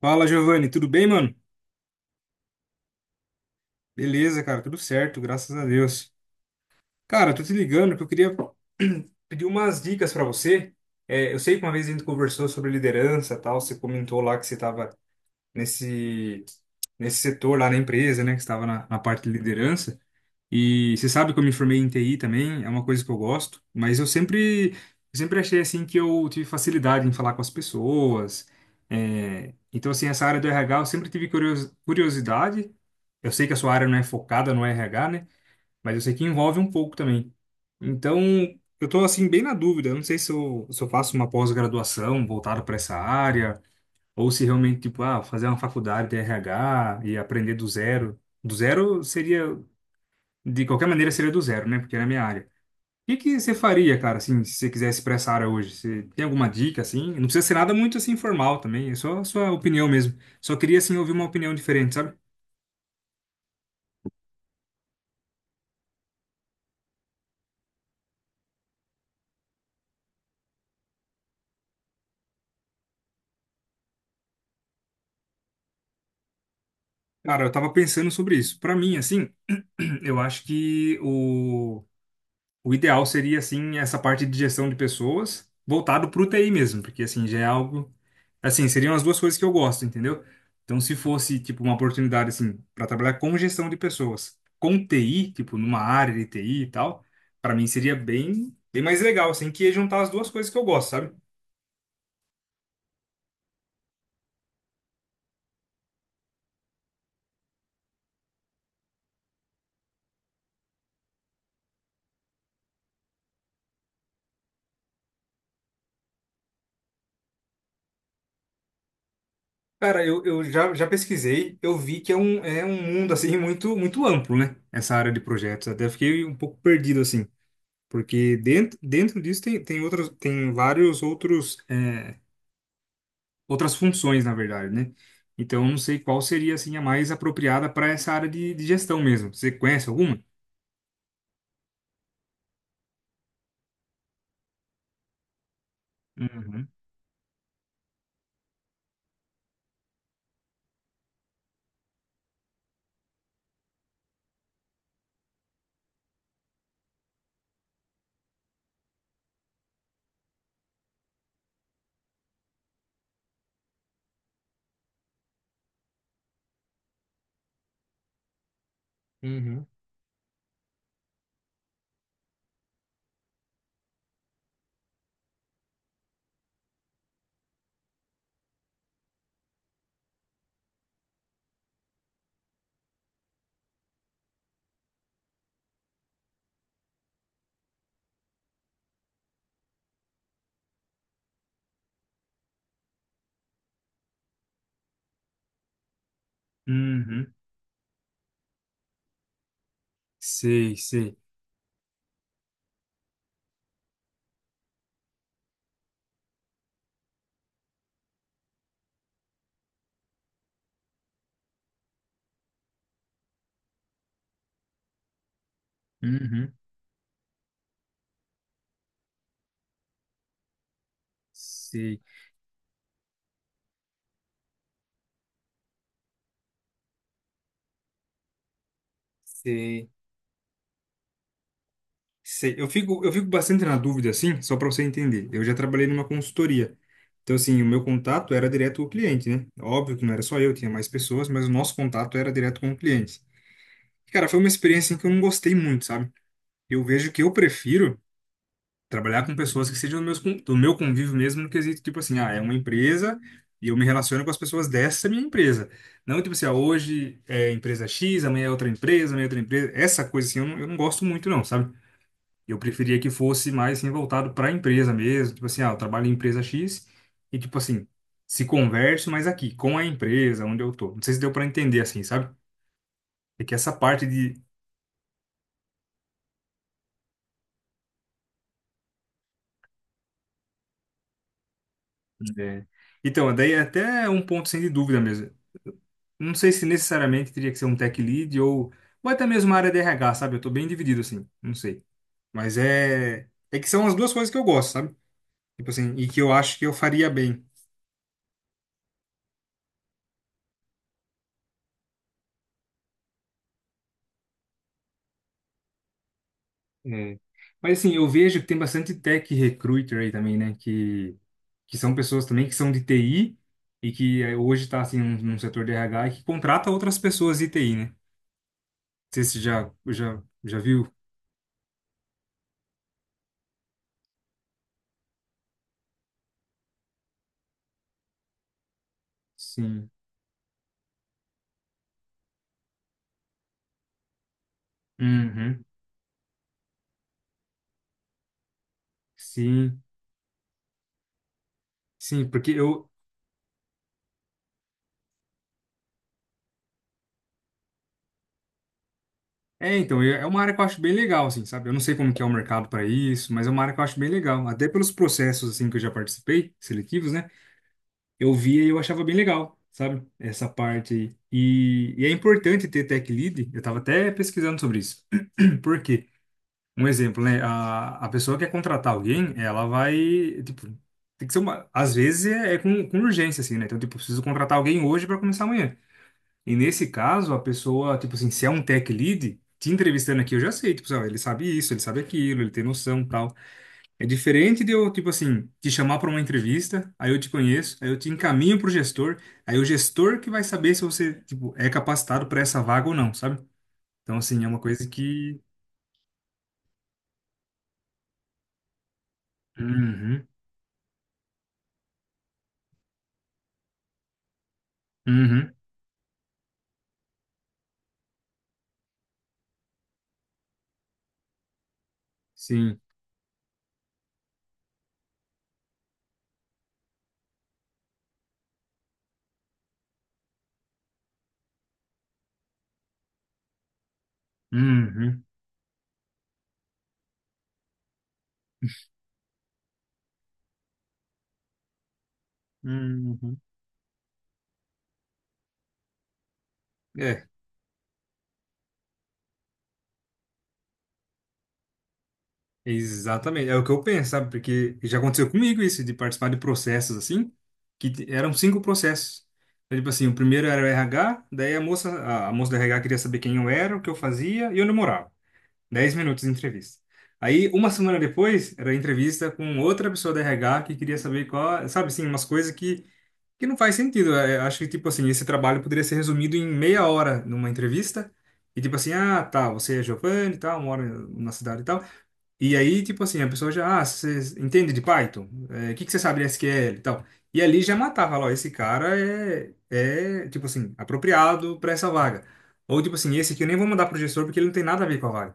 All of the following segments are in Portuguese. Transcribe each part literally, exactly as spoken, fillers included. Fala, Giovanni, tudo bem, mano? Beleza, cara, tudo certo, graças a Deus. Cara, tô te ligando porque eu queria pedir umas dicas pra você. É, eu sei que uma vez a gente conversou sobre liderança, e tal, você comentou lá que você estava nesse nesse setor lá na empresa, né, que estava na, na parte de liderança. E você sabe que eu me formei em T I também, é uma coisa que eu gosto, mas eu sempre, eu sempre achei assim que eu tive facilidade em falar com as pessoas. É, então, assim, essa área do R H eu sempre tive curios- curiosidade. Eu sei que a sua área não é focada no R H, né? Mas eu sei que envolve um pouco também. Então, eu tô assim bem na dúvida. Eu não sei se eu, se eu faço uma pós-graduação voltada para essa área ou se realmente tipo, ah, fazer uma faculdade de R H e aprender do zero. Do zero seria de qualquer maneira seria do zero, né? Porque era a minha área. O que que você faria, cara, assim, se você quisesse pra essa área hoje? Você tem alguma dica, assim? Não precisa ser nada muito, assim, formal também. É só a sua opinião mesmo. Só queria, assim, ouvir uma opinião diferente, sabe? Cara, eu tava pensando sobre isso. Pra mim, assim, eu acho que o O ideal seria, assim, essa parte de gestão de pessoas voltado para o T I mesmo, porque, assim, já é algo... Assim, seriam as duas coisas que eu gosto, entendeu? Então, se fosse, tipo, uma oportunidade, assim, para trabalhar com gestão de pessoas, com T I, tipo, numa área de T I e tal, para mim seria bem, bem mais legal, assim, que ia juntar as duas coisas que eu gosto, sabe? Cara, eu, eu já, já pesquisei, eu vi que é um, é um mundo, assim, muito, muito amplo, né? Essa área de projetos. Até fiquei um pouco perdido, assim. Porque dentro, dentro disso tem, tem outras, tem vários outros, é, outras funções, na verdade, né? Então, eu não sei qual seria, assim, a mais apropriada para essa área de, de gestão mesmo. Você conhece alguma? Uhum, uhum, uhum. Sei, sei. Uhum. Sei, sei, sei. Eu fico, eu fico bastante na dúvida, assim, só para você entender. Eu já trabalhei numa consultoria. Então, assim, o meu contato era direto com o cliente, né? Óbvio que não era só eu, tinha mais pessoas, mas o nosso contato era direto com o cliente. Cara, foi uma experiência em que eu não gostei muito, sabe? Eu vejo que eu prefiro trabalhar com pessoas que sejam do meus con- do meu convívio mesmo, no quesito, tipo assim, ah, é uma empresa e eu me relaciono com as pessoas dessa minha empresa. Não, tipo assim, ah, hoje é empresa X, amanhã é outra empresa, amanhã é outra empresa. Essa coisa, assim, eu não, eu não gosto muito, não, sabe? Eu preferia que fosse mais, assim, voltado para a empresa mesmo. Tipo assim, ah, eu trabalho em empresa X e, tipo assim, se converso, mas aqui, com a empresa, onde eu tô. Não sei se deu para entender, assim, sabe? É que essa parte de. É. Então, daí é até um ponto sem dúvida mesmo. Não sei se necessariamente teria que ser um tech lead ou, ou até mesmo uma área de R H, sabe? Eu tô bem dividido assim, não sei. Mas é, é que são as duas coisas que eu gosto, sabe? Tipo assim, e que eu acho que eu faria bem. É. Mas assim, eu vejo que tem bastante tech recruiter aí também, né? Que, que são pessoas também que são de T I e que eh, hoje tá assim num, num setor de R H e que contrata outras pessoas de T I, né? Não sei se já, já, já viu. Sim. Uhum. Sim, sim, porque eu. É, então, eu- é é uma área que eu acho bem legal, assim, sabe? Eu não sei como que é o mercado para isso, mas é uma área que eu acho bem legal. Até pelos processos, assim, que eu já participei, seletivos, né? Eu via e eu achava bem legal, sabe? Essa parte aí. E, e é importante ter tech lead, eu tava até pesquisando sobre isso. Por quê? Um exemplo, né? A, a pessoa quer contratar alguém, ela vai, tipo, tem que ser uma. Às vezes é, é com, com urgência, assim, né? Então, tipo, eu preciso contratar alguém hoje para começar amanhã. E nesse caso, a pessoa, tipo assim, se é um tech lead, te entrevistando aqui, eu já sei, tipo assim, ó, ele sabe isso, ele sabe aquilo, ele tem noção, tal. É diferente de eu, tipo assim, te chamar para uma entrevista, aí eu te conheço, aí eu te encaminho pro gestor, aí o gestor que vai saber se você, tipo, é capacitado para essa vaga ou não, sabe? Então, assim, é uma coisa que... Uhum, uhum, sim, uhum, uhum. É, exatamente, é o que eu penso, sabe? Porque já aconteceu comigo isso, de participar de processos assim, que t- eram cinco processos. Então, tipo assim, o primeiro era o R H, daí a moça, a, a moça do R H queria saber quem eu era, o que eu fazia e onde eu morava. Dez minutos de entrevista. Aí, uma semana depois, era a entrevista com outra pessoa do R H que queria saber qual, sabe assim, umas coisas que, que não faz sentido. É, acho que, tipo assim, esse trabalho poderia ser resumido em meia hora numa entrevista. E tipo assim, ah, tá, você é Giovanni e tal, mora na cidade e tal. E aí, tipo assim, a pessoa já, ah, você entende de Python? É, o que que você sabe de síquel e tal? E ali já matava, lá, ó, esse cara é, é, tipo assim, apropriado para essa vaga. Ou, tipo assim, esse aqui eu nem vou mandar pro gestor porque ele não tem nada a ver com a vaga,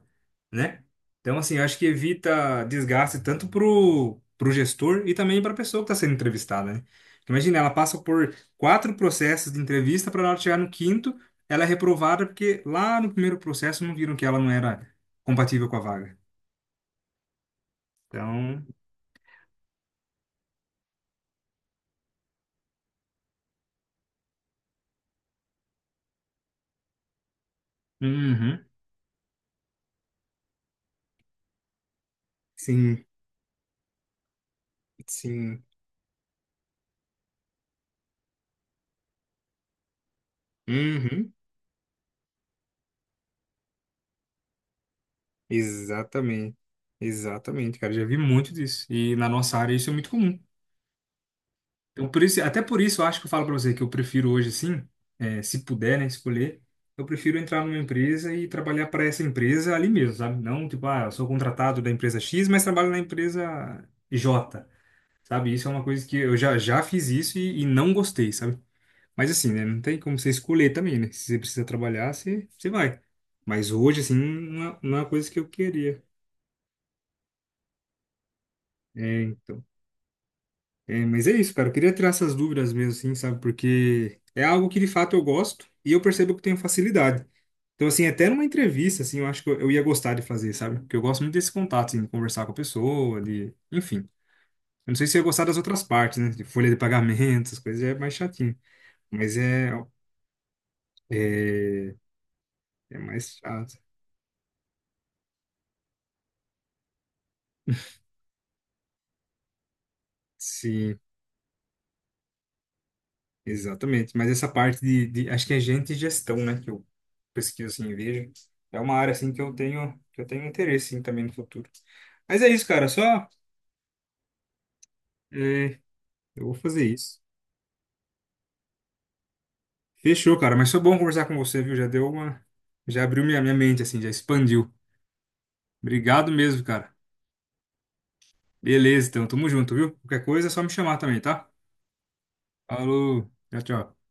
né? Então, assim, eu acho que evita desgaste tanto pro, pro gestor e também pra pessoa que tá sendo entrevistada, né? Porque imagina, ela passa por quatro processos de entrevista para na hora de chegar no quinto, ela é reprovada porque lá no primeiro processo não viram que ela não era compatível com a vaga. Então, Uhum. Sim, sim. Uhum. Exatamente. Exatamente, cara. Já vi muito disso. E na nossa área isso é muito comum. Então, por isso, até por isso eu acho que eu falo pra você que eu prefiro hoje, sim, é, se puder, né, escolher, eu prefiro entrar numa empresa e trabalhar para essa empresa ali mesmo, sabe? Não, tipo, ah, eu sou contratado da empresa X, mas trabalho na empresa J, sabe? Isso é uma coisa que eu já, já fiz isso e, e não gostei, sabe? Mas assim, né? Não tem como você escolher também, né? Se você precisa trabalhar, você, você vai. Mas hoje, assim, não é, não é uma coisa que eu queria. É, então. É, mas é isso, cara. Eu queria tirar essas dúvidas mesmo, assim, sabe? Porque é algo que de fato eu gosto e eu percebo que eu tenho facilidade. Então, assim, até numa entrevista, assim, eu acho que eu, eu ia gostar de fazer, sabe? Porque eu gosto muito desse contato, assim, de conversar com a pessoa, de... Enfim. Eu não sei se eu ia gostar das outras partes, né? De folha de pagamentos, coisas é mais chatinho. Mas é... É, é mais chato. Sim. Exatamente, mas essa parte de, de- acho que é gente e gestão, né, que eu pesquiso assim, e vejo, é uma área assim que eu tenho, que eu tenho, interesse assim, também no futuro. Mas é isso, cara, só é, eu vou fazer isso. Fechou, cara, mas foi bom conversar com você, viu? Já deu uma, já abriu minha, minha mente assim, já expandiu. Obrigado mesmo, cara. Beleza, então, tamo junto, viu? Qualquer coisa é só me chamar também, tá? Falou, tchau, tchau.